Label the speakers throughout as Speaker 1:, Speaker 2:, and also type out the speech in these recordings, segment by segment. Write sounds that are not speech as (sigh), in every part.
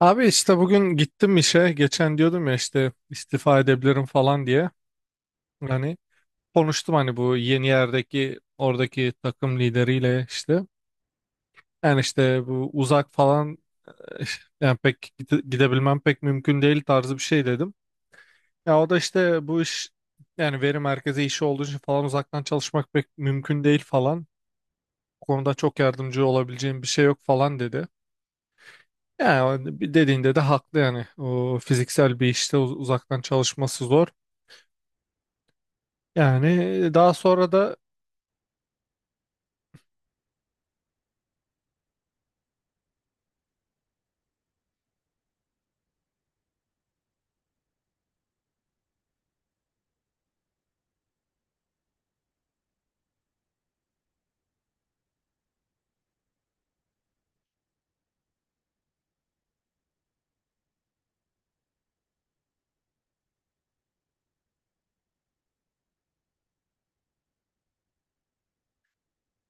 Speaker 1: Abi işte bugün gittim işe. Geçen diyordum ya işte istifa edebilirim falan diye. Yani konuştum hani bu yeni yerdeki oradaki takım lideriyle işte. Yani işte bu uzak falan eh, yani pek gidebilmem pek mümkün değil tarzı bir şey dedim. Ya o da işte bu iş yani veri merkezi işi olduğu için falan uzaktan çalışmak pek mümkün değil falan. Bu konuda çok yardımcı olabileceğim bir şey yok falan dedi. Yani o dediğinde de haklı yani. O fiziksel bir işte uzaktan çalışması zor. Yani daha sonra da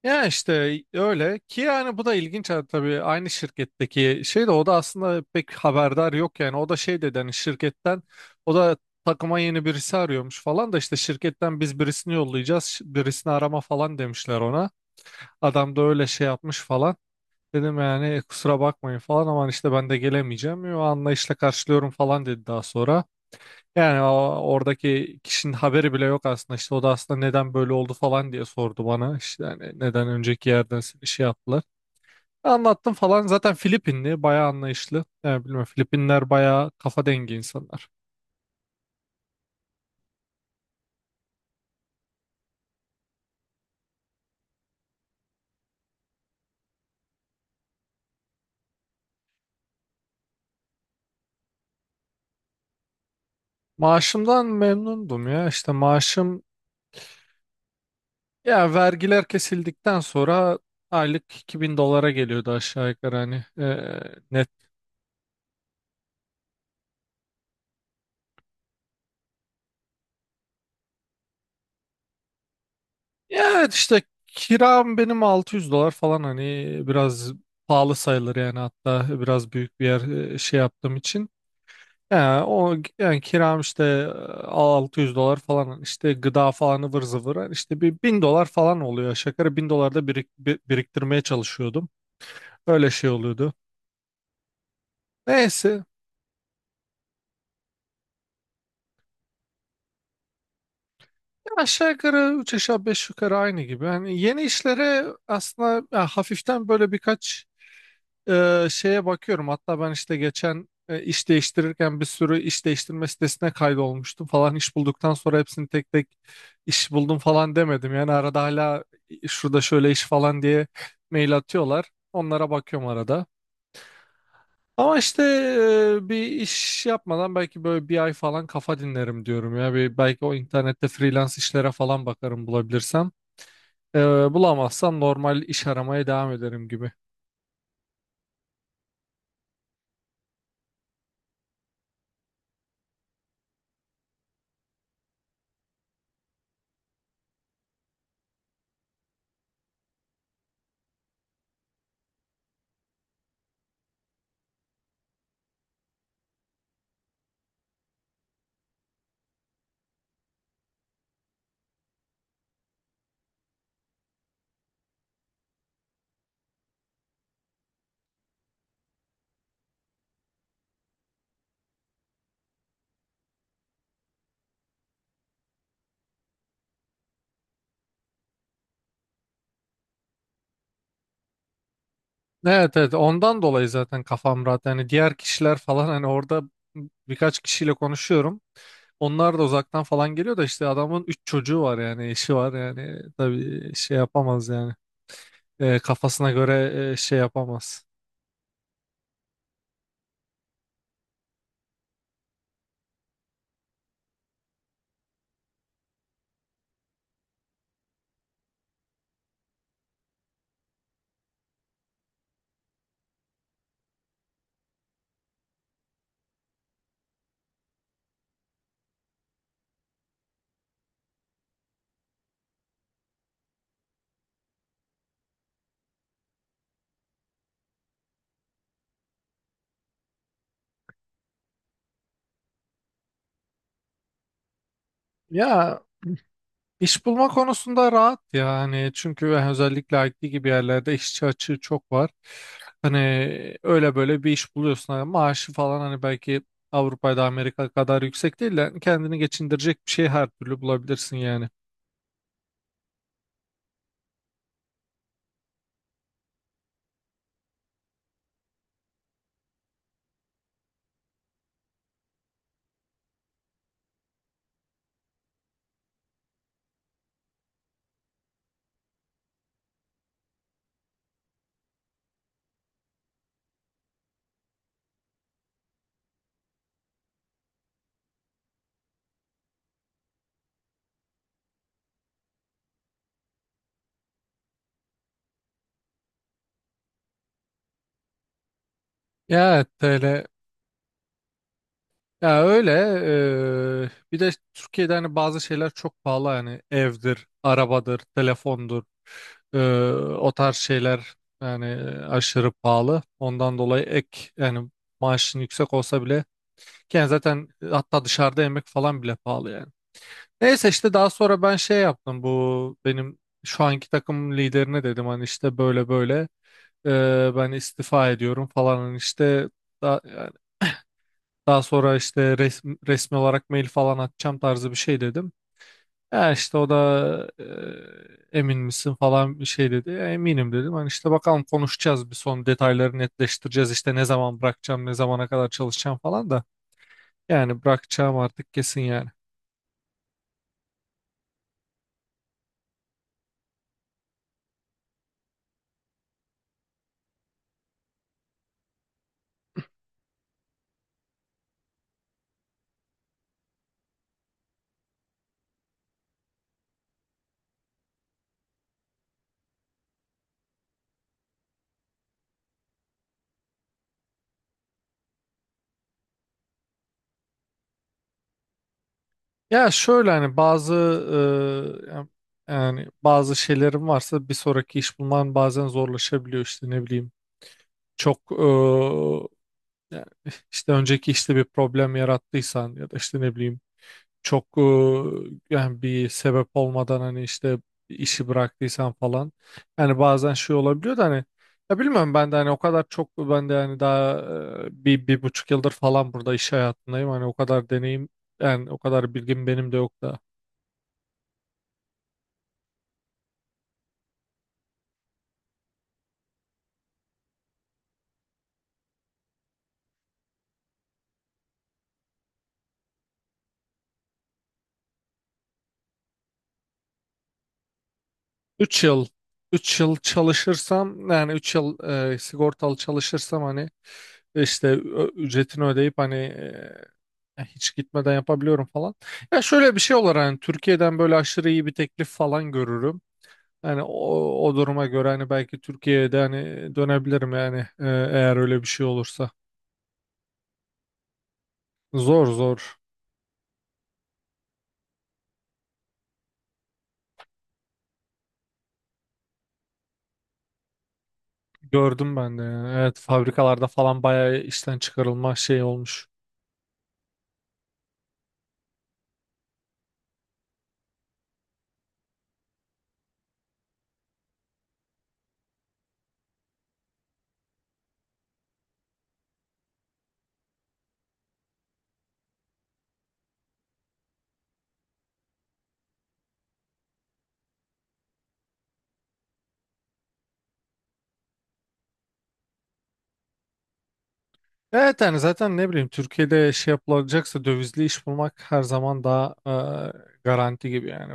Speaker 1: ya işte öyle ki yani bu da ilginç, ha tabii aynı şirketteki şey de o da aslında pek haberdar yok yani. O da şey dedi hani şirketten. O da takıma yeni birisi arıyormuş falan da işte şirketten biz birisini yollayacağız, birisini arama falan demişler ona. Adam da öyle şey yapmış falan dedim. Yani "E, kusura bakmayın falan ama işte ben de gelemeyeceğim, o anlayışla karşılıyorum" falan dedi daha sonra. Yani o, oradaki kişinin haberi bile yok aslında. İşte o da aslında neden böyle oldu falan diye sordu bana. İşte hani neden önceki yerden seni şey yaptılar. Anlattım falan. Zaten Filipinli, bayağı anlayışlı. Yani bilmiyorum, Filipinler bayağı kafa dengi insanlar. Maaşımdan memnundum ya. İşte maaşım, ya vergiler kesildikten sonra aylık 2.000 dolara geliyordu aşağı yukarı hani, net. Ya evet işte kiram benim 600 dolar falan, hani biraz pahalı sayılır yani, hatta biraz büyük bir yer şey yaptığım için. Ya o yani kiram işte 600 dolar falan hani, işte gıda falan ıvır zıvır yani işte bir 1000 dolar falan oluyor. Şakara bin dolar da biriktirmeye çalışıyordum. Öyle şey oluyordu. Neyse, ya aşağı yukarı 3 aşağı 5 yukarı aynı gibi. Yani yeni işlere aslında ya hafiften böyle birkaç şeye bakıyorum. Hatta ben işte geçen, iş değiştirirken bir sürü iş değiştirme sitesine kaydolmuştum falan. İş bulduktan sonra hepsini tek tek iş buldum falan demedim, yani arada hala şurada şöyle iş falan diye mail atıyorlar, onlara bakıyorum arada. Ama işte bir iş yapmadan belki böyle bir ay falan kafa dinlerim diyorum ya, bir, belki o internette freelance işlere falan bakarım, bulabilirsem. E, Bulamazsam normal iş aramaya devam ederim gibi. Evet, evet, ondan dolayı zaten kafam rahat. Yani diğer kişiler falan hani orada birkaç kişiyle konuşuyorum. Onlar da uzaktan falan geliyor da işte, adamın üç çocuğu var yani, eşi var yani, tabii şey yapamaz yani. Kafasına göre şey yapamaz. Ya İş bulma konusunda rahat yani, çünkü özellikle IT gibi yerlerde işçi açığı çok var. Hani öyle böyle bir iş buluyorsun. Hani maaşı falan hani, belki Avrupa'da Amerika kadar yüksek değil de hani, kendini geçindirecek bir şey her türlü bulabilirsin yani. Ya evet, öyle. Ya öyle, bir de Türkiye'de hani bazı şeyler çok pahalı yani; evdir, arabadır, telefondur, eee, o tarz şeyler yani, aşırı pahalı. Ondan dolayı ek yani, maaşın yüksek olsa bile. Yani zaten, hatta dışarıda yemek falan bile pahalı yani. Neyse, işte daha sonra ben şey yaptım, bu benim şu anki takım liderine dedim hani, işte böyle böyle, ben istifa ediyorum falan. Hani işte daha, yani daha sonra işte resmi, olarak mail falan atacağım tarzı bir şey dedim. Ya işte o da emin misin falan bir şey dedi. "Ya eminim" dedim. Hani işte bakalım, konuşacağız, bir son detayları netleştireceğiz, işte ne zaman bırakacağım, ne zamana kadar çalışacağım falan da, yani bırakacağım artık, kesin yani. Ya şöyle, hani bazı e, ya- yani bazı şeylerim varsa bir sonraki iş bulman bazen zorlaşabiliyor, işte ne bileyim çok yani işte önceki işte bir problem yarattıysan, ya da işte ne bileyim çok yani bir sebep olmadan hani işte işi bıraktıysan falan, yani bazen şey olabiliyor da hani. Ya bilmiyorum, ben de hani o kadar çok, ben de hani daha 1,5 yıldır falan burada iş hayatındayım, hani o kadar deneyim yani, o kadar bilgim benim de yok da. 3 yıl, 3 yıl çalışırsam yani, 3 yıl sigortalı çalışırsam hani, işte ücretini ödeyip hani hiç gitmeden yapabiliyorum falan. Ya şöyle bir şey olur hani, Türkiye'den böyle aşırı iyi bir teklif falan görürüm. Yani o duruma göre hani belki Türkiye'de hani dönebilirim yani, eğer öyle bir şey olursa. Zor, zor. Gördüm ben de yani. Evet, fabrikalarda falan bayağı işten çıkarılma şey olmuş. Evet yani, zaten ne bileyim Türkiye'de şey yapılacaksa dövizli iş bulmak her zaman daha garanti gibi yani.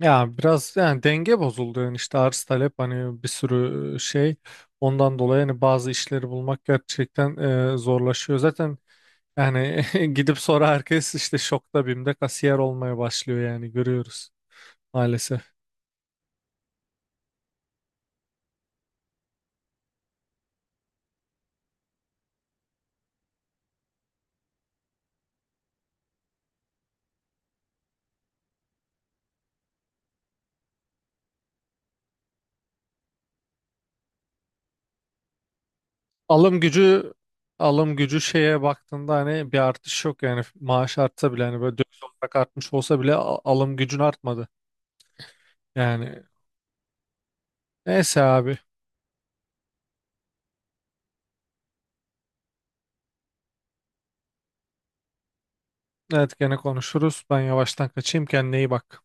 Speaker 1: Ya biraz yani denge bozuldu yani, işte arz talep, hani bir sürü şey, ondan dolayı hani bazı işleri bulmak gerçekten zorlaşıyor. Zaten yani (laughs) gidip sonra herkes işte şokta, BİM'de kasiyer olmaya başlıyor yani, görüyoruz maalesef. alım gücü Alım gücü şeye baktığında hani bir artış yok yani, maaş artsa bile hani, böyle döviz olarak artmış olsa bile alım gücün artmadı. Yani neyse abi. Evet, gene konuşuruz. Ben yavaştan kaçayım, kendine iyi bak.